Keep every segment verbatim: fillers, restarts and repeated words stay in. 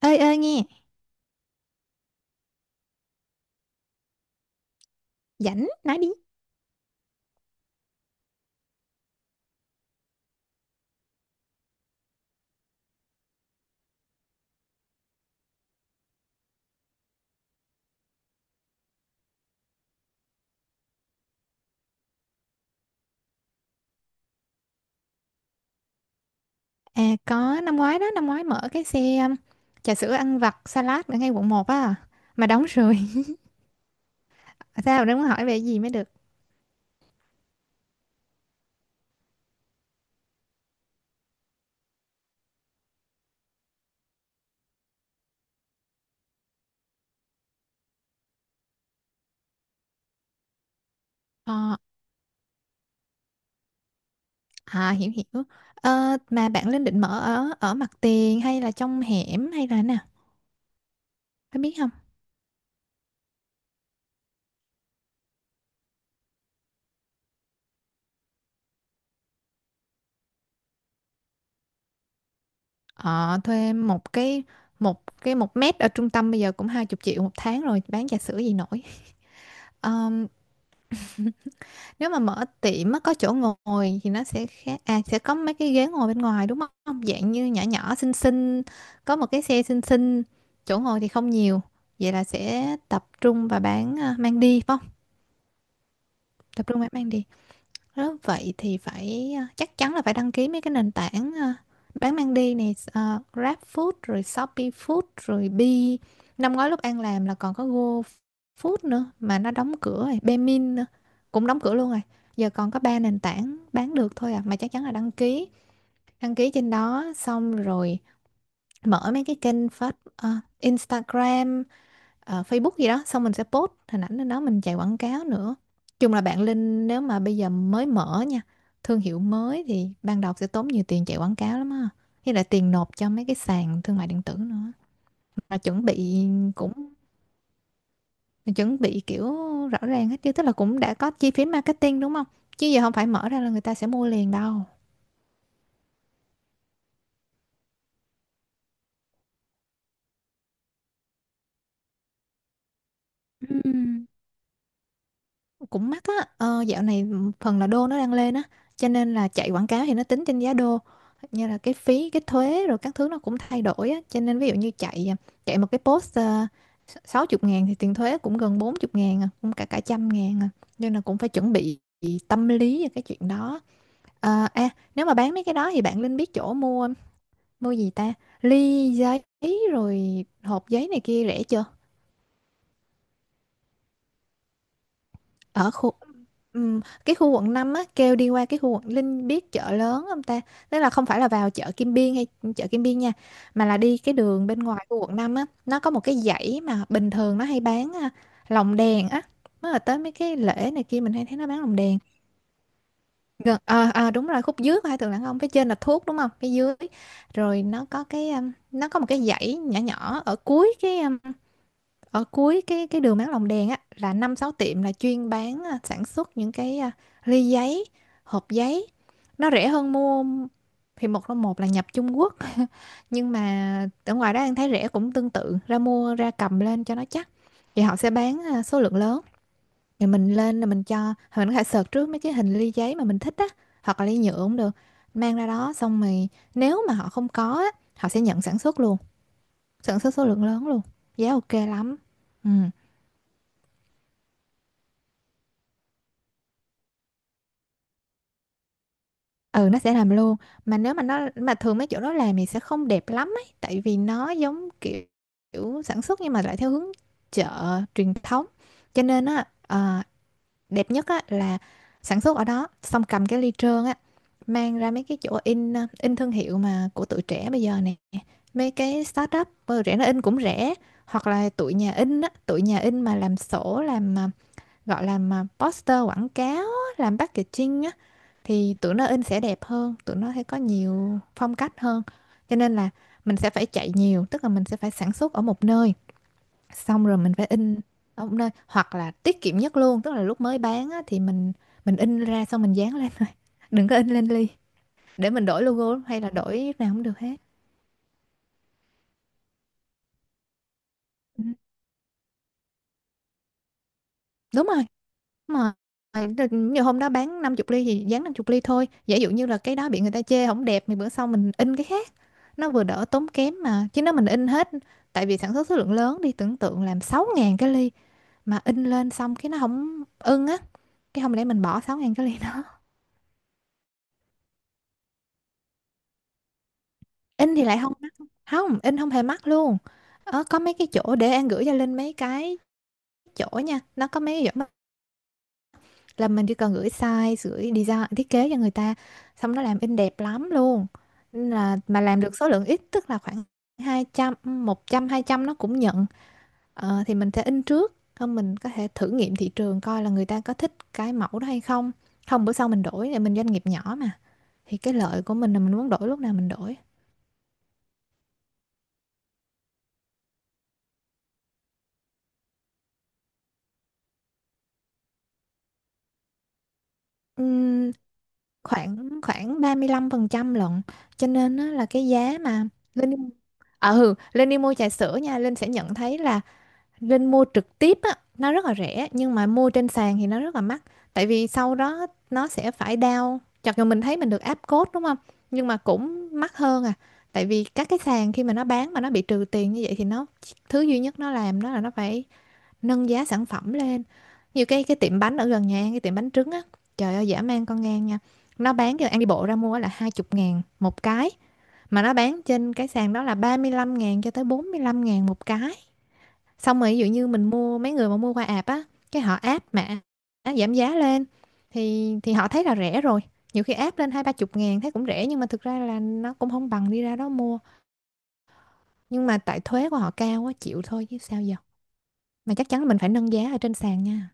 ơi ơi nghe. Rảnh nói đi. À có, năm ngoái đó, năm ngoái mở cái xe um, trà sữa ăn vặt salad ở ngay quận một á, mà đóng rồi. Mà sao, đừng có hỏi về gì mới được? Ờ, à, hiểu hiểu Ờ mà bạn lên định mở ở ở mặt tiền hay là trong hẻm hay là thế nào, có biết không? Ờ, thuê một cái, một cái một mét ở trung tâm bây giờ cũng hai chục triệu một tháng rồi, bán trà sữa gì nổi. Nếu mà mở tiệm á, có chỗ ngồi thì nó sẽ khác. À, sẽ có mấy cái ghế ngồi bên ngoài đúng không? Dạng như nhỏ nhỏ xinh xinh, có một cái xe xinh xinh, chỗ ngồi thì không nhiều. Vậy là sẽ tập trung và bán à, mang đi phải không? Tập trung và bán mang đi. Đó, vậy thì phải ờ, chắc chắn là phải đăng ký mấy cái nền tảng ờ, bán mang đi này, ờ, GrabFood rồi Shopee Food rồi Bee. Năm ngoái lúc An làm là còn có GoFood nữa mà nó đóng cửa rồi, Baemin nữa cũng đóng cửa luôn rồi, giờ còn có ba nền tảng bán được thôi à. Mà chắc chắn là đăng ký, đăng ký trên đó xong rồi mở mấy cái kênh phát, ờ, Instagram, ờ, Facebook gì đó, xong mình sẽ post hình ảnh lên đó, mình chạy quảng cáo nữa. Chung là bạn Linh nếu mà bây giờ mới mở nha, thương hiệu mới thì ban đầu sẽ tốn nhiều tiền chạy quảng cáo lắm á, với lại tiền nộp cho mấy cái sàn thương mại điện tử nữa. Mà chuẩn bị cũng chuẩn bị kiểu rõ ràng hết chứ, tức là cũng đã có chi phí marketing đúng không, chứ giờ không phải mở ra là người ta sẽ mua liền đâu. Ừ. Cũng mắc á. Ờ, dạo này phần là đô nó đang lên á, cho nên là chạy quảng cáo thì nó tính trên giá đô, như là cái phí cái thuế rồi các thứ nó cũng thay đổi á. Cho nên ví dụ như chạy à, chạy một cái post uh, sáu mươi ngàn thì tiền thuế cũng gần bốn mươi ngàn à, cũng cả cả trăm ngàn à. Nên là cũng phải chuẩn bị tâm lý về cái chuyện đó. À, à, nếu mà bán mấy cái đó thì bạn Linh biết chỗ mua, mua gì ta, ly giấy rồi hộp giấy này kia rẻ chưa? Ở khu, ừm, cái khu quận năm á, kêu đi qua cái khu quận, Linh biết chợ lớn không ta? Tức là không phải là vào chợ Kim Biên hay chợ Kim Biên nha, mà là đi cái đường bên ngoài khu quận năm á, nó có một cái dãy mà bình thường nó hay bán à, lồng đèn á, mới là tới mấy cái lễ này kia mình hay thấy nó bán lồng đèn. Gần à, à, đúng rồi, khúc dưới của hai tường đàn ông, phía trên là thuốc đúng không, cái dưới rồi nó có cái um, nó có một cái dãy nhỏ nhỏ ở cuối cái, ở cuối cái cái đường Mát Lòng Đèn á, là năm sáu tiệm là chuyên bán à, sản xuất những cái à, ly giấy, hộp giấy, nó rẻ hơn mua. Thì một là một là nhập Trung Quốc, nhưng mà ở ngoài đó anh thấy rẻ cũng tương tự, ra mua, ra cầm lên cho nó chắc. Thì họ sẽ bán à, số lượng lớn. Thì mình lên là mình cho mình có thể search trước mấy cái hình ly giấy mà mình thích á, hoặc là ly nhựa cũng được, mang ra đó xong rồi nếu mà họ không có á, họ sẽ nhận sản xuất luôn, sản xuất số lượng lớn luôn. Giá ok lắm. Ừ. Ừ, nó sẽ làm luôn. Mà nếu mà nó mà thường mấy chỗ đó làm thì sẽ không đẹp lắm ấy, tại vì nó giống kiểu, kiểu sản xuất nhưng mà lại theo hướng chợ truyền thống. Cho nên á, ờ, đẹp nhất á là sản xuất ở đó xong cầm cái ly trơn á, mang ra mấy cái chỗ in, ờ, in thương hiệu mà của tụi trẻ bây giờ nè, mấy cái startup, ờ, rẻ, nó in cũng rẻ. Hoặc là tụi nhà in á, tụi nhà in mà làm sổ làm ờ, gọi là ờ, poster quảng cáo á, làm packaging á, thì tụi nó in sẽ đẹp hơn, tụi nó sẽ có nhiều phong cách hơn. Cho nên là mình sẽ phải chạy nhiều, tức là mình sẽ phải sản xuất ở một nơi, xong rồi mình phải in ở một nơi, hoặc là tiết kiệm nhất luôn tức là lúc mới bán á, thì mình mình in ra xong mình dán lên thôi, đừng có in lên ly, để mình đổi logo hay là đổi nào cũng được hết. Ừ, đúng rồi. Mà đ- nhiều hôm đó bán năm chục ly thì dán năm chục ly thôi. Giả dụ như là cái đó bị người ta chê không đẹp thì bữa sau mình in cái khác. Nó vừa đỡ tốn kém mà. Chứ nếu mình in hết, tại vì sản xuất số lượng lớn đi, tưởng tượng làm sáu ngàn cái ly mà in lên xong cái nó không ưng á, cái không lẽ mình bỏ sáu ngàn cái ly đó. In thì lại không mắc. Không, in không hề mắc luôn. Ờ, có mấy cái chỗ để An gửi cho Linh mấy cái chỗ nha. Nó có mấy cái chỗ là mình chỉ cần gửi size, gửi design thiết kế cho người ta, xong nó làm in đẹp lắm luôn. Nên là mà làm được số lượng ít, tức là khoảng hai trăm, một trăm hai trăm nó cũng nhận. Ờ, thì mình sẽ in trước, không mình có thể thử nghiệm thị trường coi là người ta có thích cái mẫu đó hay không, không bữa sau mình đổi, thì mình doanh nghiệp nhỏ mà, thì cái lợi của mình là mình muốn đổi lúc nào mình đổi. Ừm, khoảng khoảng ba mươi lăm phần trăm lận, cho nên á là cái giá mà lên. Ừ, lên đi mua trà sữa nha, Linh sẽ nhận thấy là Linh mua trực tiếp á, nó rất là rẻ, nhưng mà mua trên sàn thì nó rất là mắc. Tại vì sau đó nó sẽ phải down. Chặt dù mình thấy mình được áp code đúng không? Nhưng mà cũng mắc hơn à. Tại vì các cái sàn khi mà nó bán mà nó bị trừ tiền như vậy thì nó, thứ duy nhất nó làm đó là nó phải nâng giá sản phẩm lên. Như cái cái tiệm bánh ở gần nhà An, cái tiệm bánh trứng á, trời ơi, dã man con ngang nha. Nó bán cho An đi bộ ra mua là hai mươi ngàn một cái, mà nó bán trên cái sàn đó là ba mươi lăm ngàn cho tới bốn mươi lăm ngàn một cái. Xong rồi ví dụ như mình mua, mấy người mà mua qua app á, cái họ áp mà á, giảm giá lên, thì thì họ thấy là rẻ rồi, nhiều khi áp lên hai ba chục ngàn thấy cũng rẻ, nhưng mà thực ra là nó cũng không bằng đi ra đó mua. Nhưng mà tại thuế của họ cao quá, chịu thôi chứ sao giờ. Mà chắc chắn là mình phải nâng giá ở trên sàn nha.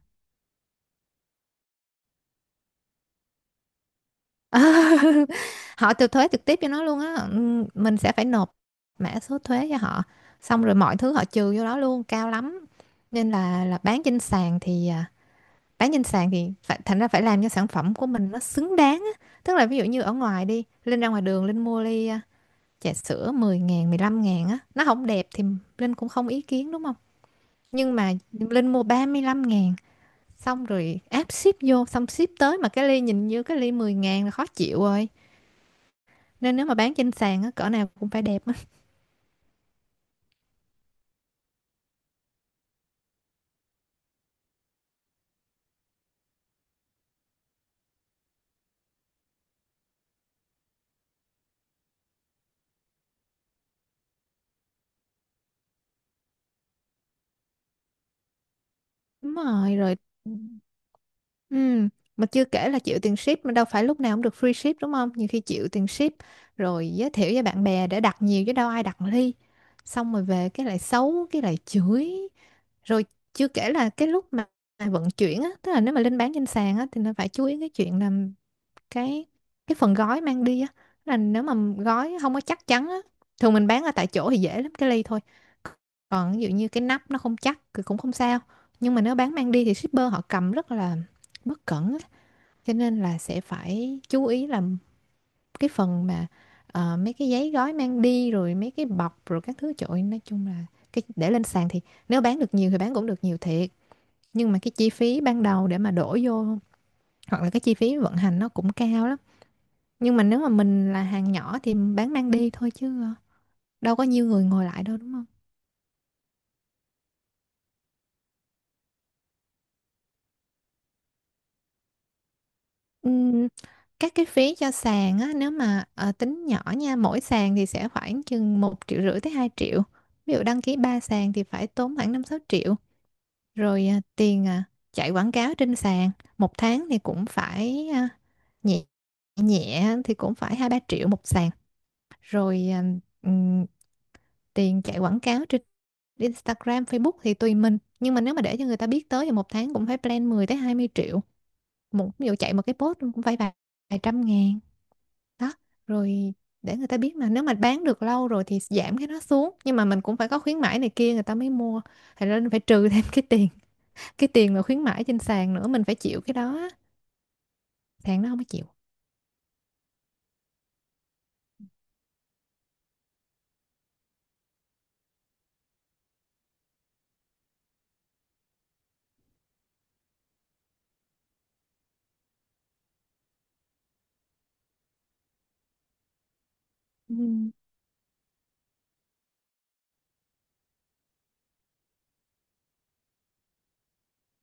Họ từ thuế trực tiếp cho nó luôn á. Ừ, mình sẽ phải nộp mã số thuế cho họ, xong rồi mọi thứ họ trừ vô đó luôn, cao lắm. Nên là là bán trên sàn thì à, bán trên sàn thì phải, thành ra phải làm cho sản phẩm của mình nó xứng đáng á. Tức là ví dụ như ở ngoài đi, Linh ra ngoài đường Linh mua ly à, trà sữa mười ngàn mười lăm ngàn á, nó không đẹp thì Linh cũng không ý kiến đúng không? Nhưng mà Linh mua ba mươi lăm ngàn, xong rồi áp ship vô, xong ship tới mà cái ly nhìn như cái ly mười ngàn là khó chịu rồi. Nên nếu mà bán trên sàn á, cỡ nào cũng phải đẹp. Đúng rồi, rồi. Ừ, mà chưa kể là chịu tiền ship mà đâu phải lúc nào cũng được free ship đúng không? Nhiều khi chịu tiền ship, rồi giới thiệu cho bạn bè để đặt nhiều, chứ đâu ai đặt ly. Xong rồi về cái lại xấu, cái lại chửi. Rồi chưa kể là cái lúc mà mà vận chuyển á, tức là nếu mà lên bán trên sàn á thì nó phải chú ý cái chuyện là cái cái phần gói mang đi á là nếu mà gói không có chắc chắn á, thường mình bán ở tại chỗ thì dễ lắm cái ly thôi, còn ví dụ như cái nắp nó không chắc thì cũng không sao, nhưng mà nếu bán mang đi thì shipper họ cầm rất là bất cẩn á. Cho nên là sẽ phải chú ý làm cái phần mà ờ, mấy cái giấy gói mang đi rồi mấy cái bọc rồi các thứ trội, nói chung là cái để lên sàn thì nếu bán được nhiều thì bán cũng được nhiều thiệt, nhưng mà cái chi phí ban đầu để mà đổ vô hoặc là cái chi phí vận hành nó cũng cao lắm. Nhưng mà nếu mà mình là hàng nhỏ thì bán mang đi thôi chứ ờ, đâu có nhiều người ngồi lại đâu đúng không? Ừm, các cái phí cho sàn á, nếu mà ờ, tính nhỏ nha, mỗi sàn thì sẽ khoảng chừng một triệu rưỡi tới hai triệu. Ví dụ đăng ký ba sàn thì phải tốn khoảng năm sáu triệu. Rồi ờ, tiền ờ, chạy quảng cáo trên sàn, một tháng thì cũng phải ờ, nhẹ nhẹ thì cũng phải hai ba triệu một sàn. Rồi ờ, ừm, Tiền chạy quảng cáo trên Instagram, Facebook thì tùy mình. Nhưng mà nếu mà để cho người ta biết tới thì một tháng cũng phải plan mười tới hai mươi triệu. Một ví dụ chạy một cái post cũng phải vài, vài trăm ngàn. Đó, rồi để người ta biết mà nếu mà bán được lâu rồi thì giảm cái nó xuống. Nhưng mà mình cũng phải có khuyến mãi này kia người ta mới mua. Thì nên phải trừ thêm cái tiền, cái tiền mà khuyến mãi trên sàn nữa mình phải chịu cái đó. Sàn nó không có chịu. Ừ.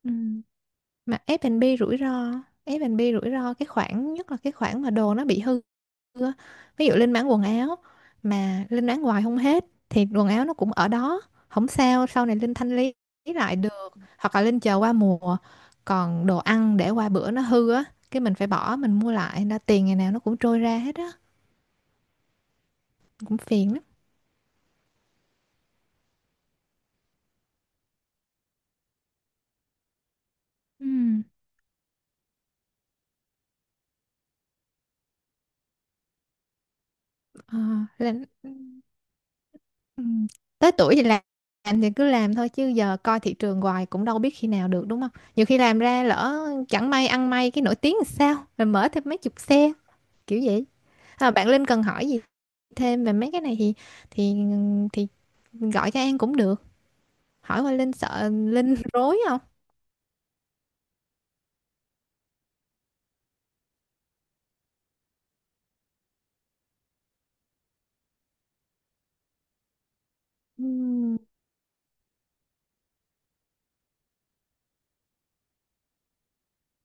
Ừ. Mà ép en bê rủi ro, ép en bê rủi ro cái khoản nhất là cái khoản mà đồ nó bị hư xưa. Ví dụ Linh bán quần áo mà Linh bán hoài không hết thì quần áo nó cũng ở đó, không sao, sau này Linh thanh lý lại được hoặc là Linh chờ qua mùa. Còn đồ ăn để qua bữa nó hư á, cái mình phải bỏ mình mua lại, nên là tiền ngày nào nó cũng trôi ra hết á, cũng phiền lắm. Ừ. Ờ, Linh ừ. Tới tuổi thì làm làm thì cứ làm thôi chứ giờ coi thị trường hoài cũng đâu biết khi nào được đúng không? Nhiều khi làm ra lỡ chẳng may ăn may cái nổi tiếng thì sao? Rồi mở thêm mấy chục xe kiểu vậy. À, bạn Linh cần hỏi gì thêm về mấy cái này thì thì thì gọi cho An cũng được, hỏi qua Linh sợ Linh rối không. Ừm,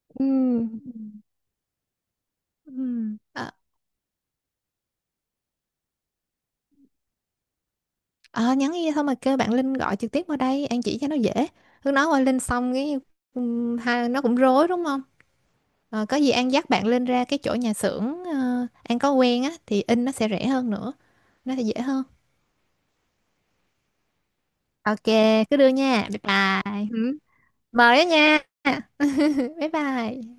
ừm, Ừm. Ờ, ờ, Nhắn đi thôi mà kêu bạn Linh gọi trực tiếp qua đây An chỉ cho nó dễ, cứ nói qua Linh xong cái ừm, ha, nó cũng rối đúng không? Ờ, có gì An dắt bạn Linh ra cái chỗ nhà xưởng, ờ, An có quen á thì in nó sẽ rẻ hơn nữa, nó sẽ dễ hơn. Ok, cứ đưa nha, bye bye. ừm. Mời đó nha. Bye bye.